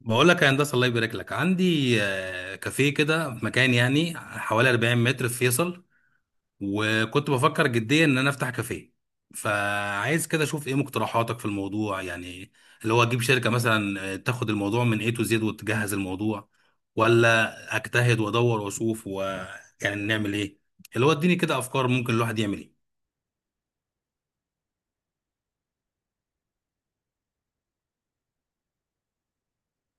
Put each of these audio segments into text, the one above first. بقول لك يا هندسه، الله يبارك لك. عندي كافيه كده في مكان، يعني حوالي 40 متر في فيصل. وكنت بفكر جديا ان انا افتح كافيه. فعايز كده اشوف ايه مقترحاتك في الموضوع، يعني اللي هو اجيب شركه مثلا، تاخد الموضوع من A to Z وتجهز الموضوع، ولا اجتهد وادور واشوف و... يعني نعمل ايه؟ اللي هو اديني كده افكار، ممكن الواحد يعمل ايه.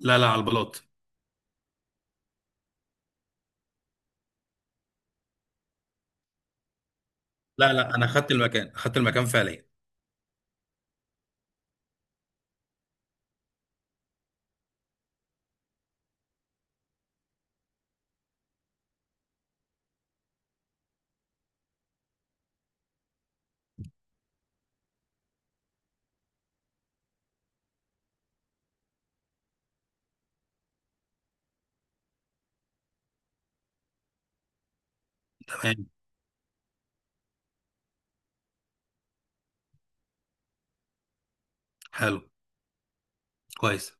لا، لا، على البلاط. لا، لا، انا خدت المكان، خدت المكان فعليا. تمام. حلو. كويس.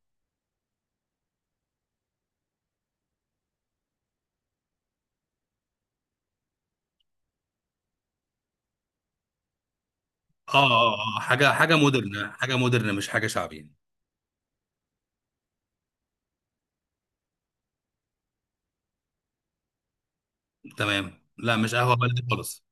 اه، اه، اه، حاجه مودرن، حاجه مودرن، مش حاجه شعبي. تمام، لا، مش قهوه بلدي خالص.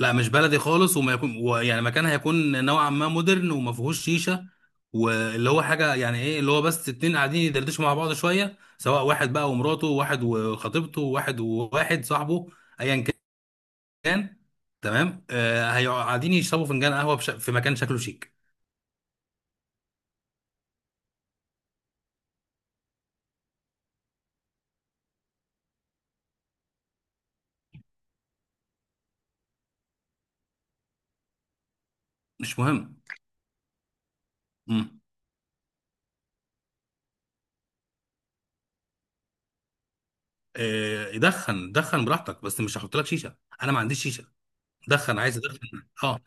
لا، مش بلدي خالص، وما يكون ويعني مكان هيكون نوعا ما مودرن، وما فيهوش شيشه. واللي هو حاجه، يعني ايه اللي هو، بس اتنين قاعدين يدردشوا مع بعض شويه، سواء واحد بقى ومراته، واحد وخطيبته، واحد وواحد صاحبه. ايا كان. تمام، هيقعدوا قاعدين يشربوا فنجان قهوه بش... في مكان شكله شيك. مش مهم. امم. آه، يدخن، دخن براحتك، بس مش هحط لك شيشه. انا ما عنديش شيشه. دخن، عايز ادخن، اه.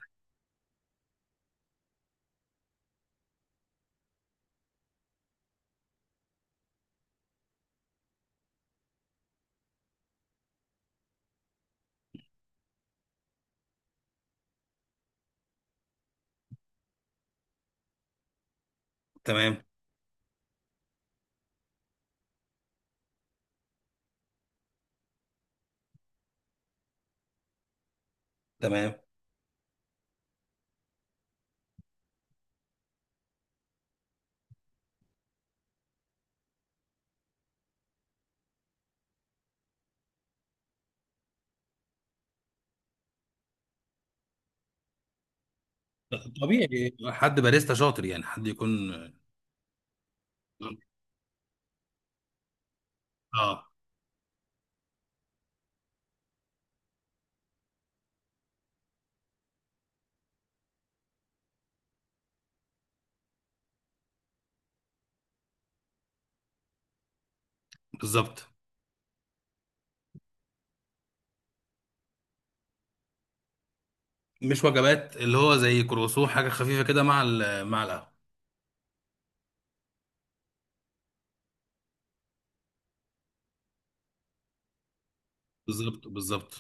تمام. تمام. طبيعي. حد باريستا شاطر، يعني حد يكون. اه، آه، بالظبط. مش وجبات، اللي هو زي كروسو، حاجه خفيفه كده مع القهوه. بالظبط، بالظبط.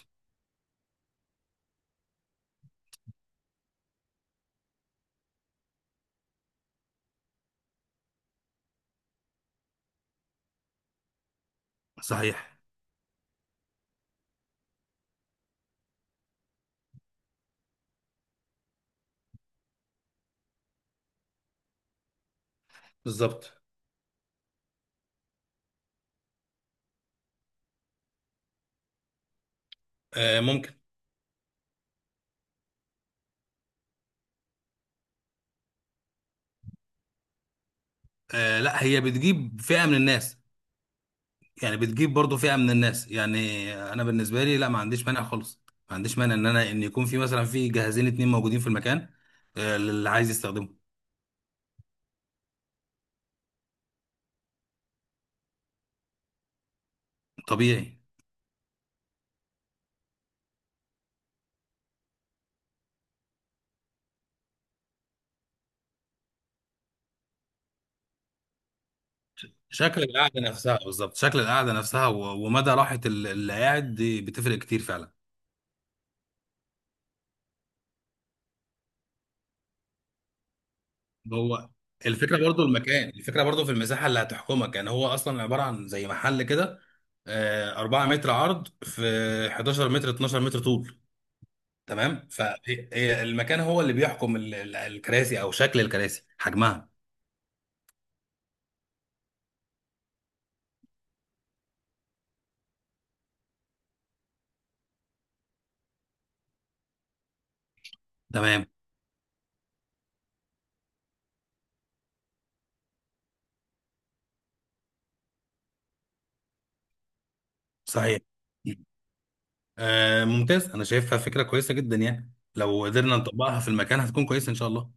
صحيح. بالظبط. آه، ممكن. آه، لا، هي بتجيب فئه من الناس. يعني بتجيب برضو فئه من الناس، يعني انا بالنسبه لي، لا، ما عنديش مانع خالص. ما عنديش مانع ان يكون في، مثلا، في جهازين اتنين موجودين في المكان، آه، للي عايز يستخدمه. طبيعي. شكل القعده نفسها، بالظبط، شكل القعده نفسها و- ومدى راحه اللي قاعد دي بتفرق كتير فعلا. هو الفكره برضو المكان، الفكره برضو في المساحه اللي هتحكمك، يعني هو اصلا عباره عن زي محل كده، 4 متر عرض في 11 متر، 12 متر طول. تمام، فالمكان هو اللي بيحكم الكراسي او شكل الكراسي، حجمها. تمام. صحيح. ممتاز، انا شايفها فكره كويسه جدا، يعني لو قدرنا نطبقها في المكان هتكون كويسه ان شاء الله.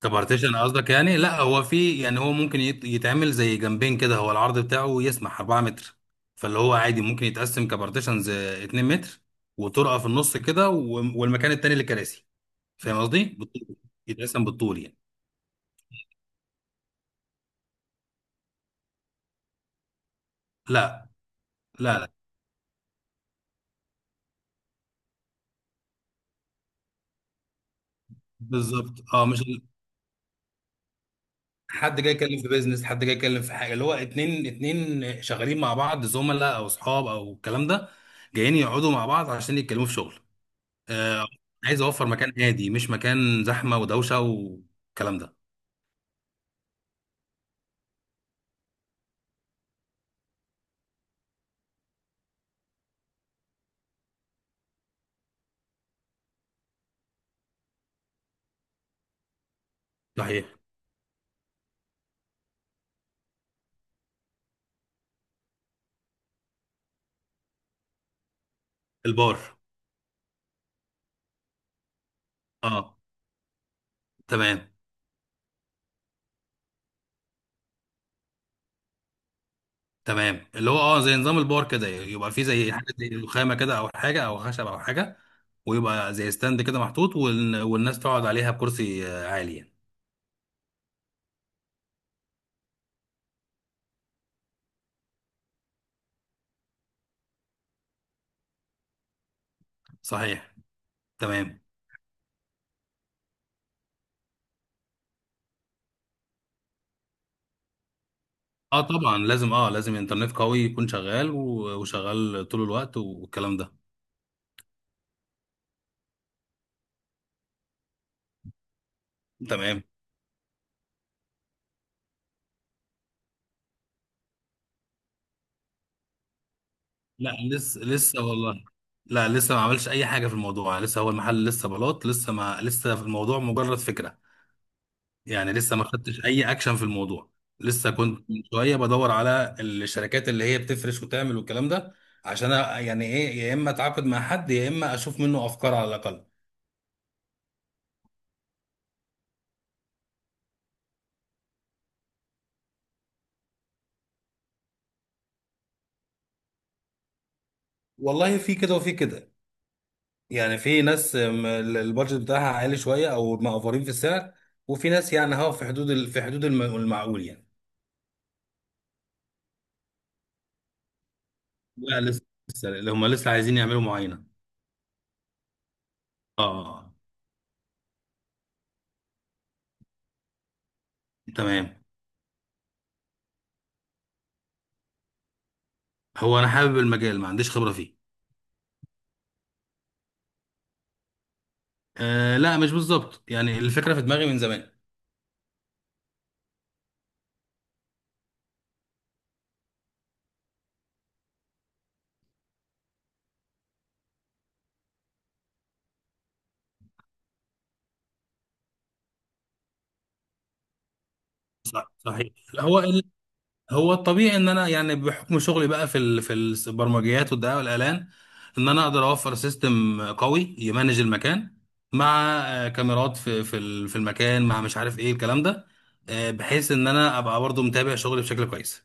طب ارتيشن قصدك؟ يعني لا، هو في، يعني هو ممكن يتعمل زي جنبين كده، هو العرض بتاعه يسمح 4 متر، فاللي هو عادي ممكن يتقسم كبارتيشنز 2 متر، وطرقه في النص كده، و- والمكان التاني للكراسي. فاهم قصدي، بالطول. يتقسم بالطول يعني. لا. لا، لا. بالظبط، اه، مش ال-... حد جاي يتكلم في بيزنس، حد جاي يتكلم في حاجه، اللي هو اتنين اتنين شغالين مع بعض، زملاء او اصحاب او الكلام ده، جايين يقعدوا مع بعض عشان يتكلموا في شغل. آه، عايز اوفر مكان هادي، مش مكان زحمه ودوشه والكلام ده. صحيح. البار. اه. تمام. تمام، اللي هو اه، زي نظام البار كده، يبقى فيه زي حاجه، زي رخامه كده او حاجه او خشب او حاجه، ويبقى زي ستاند كده محطوط، وال- والناس تقعد عليها بكرسي عالي، يعني. صحيح. تمام. اه، طبعا لازم، اه، لازم انترنت قوي يكون شغال و- وشغال طول الوقت والكلام ده. تمام. لا، لسه، لسه والله. لا، لسه ما عملش اي حاجه في الموضوع، لسه هو المحل، لسه بلاط، لسه ما لسه في الموضوع مجرد فكره. يعني لسه ما خدتش اي اكشن في الموضوع. لسه كنت من شويه بدور على الشركات اللي هي بتفرش وتعمل والكلام ده، عشان يعني ايه، يا اما اتعاقد مع حد يا اما اشوف منه افكار على الاقل. والله، في كده وفي كده. يعني في ناس البادجت بتاعها عالي شويه، او مقفرين في السعر. وفي ناس، يعني هو في حدود في حدود المعقول، يعني. لا، لسه. لسه هم عايزين يعملوا معاينه. اه. تمام. هو انا حابب المجال، ما عنديش خبره فيه. آه، لا، مش بالظبط، يعني الفكره في دماغي من زمان. صحيح. هو ال... هو الطبيعي ان انا، يعني بحكم شغلي بقى في ال... في البرمجيات والدعايه والاعلان، ان انا اقدر اوفر سيستم قوي يمانج المكان، مع كاميرات في المكان، مع مش عارف ايه الكلام ده، بحيث ان انا ابقى برضو متابع شغلي بشكل كويس.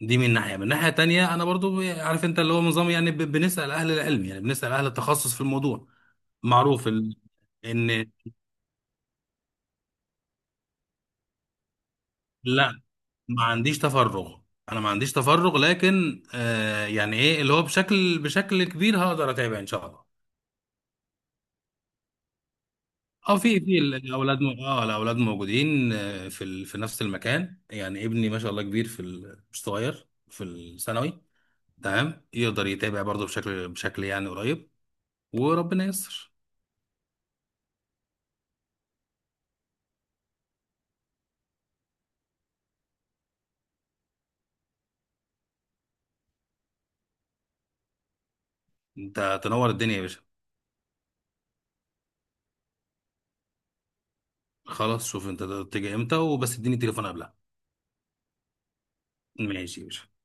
دي من ناحية، من ناحية تانية، أنا برضو عارف، أنت اللي هو نظام، يعني بنسأل أهل العلم، يعني بنسأل أهل التخصص في الموضوع. معروف ال... إن. لا. ما عنديش تفرغ. أنا ما عنديش تفرغ، لكن يعني إيه، اللي هو بشكل كبير هقدر أتابع إن شاء الله. اه، في الاولاد م... الاولاد موجودين، في ال... في نفس المكان، يعني ابني ما شاء الله كبير في ال... مش صغير، في الثانوي. تمام، يقدر يتابع برضه بشكل يعني قريب. وربنا ييسر. انت تنور الدنيا يا باشا. خلاص، شوف انت تيجي امتى، وبس اديني التليفون قبلها. ماشي يا باشا.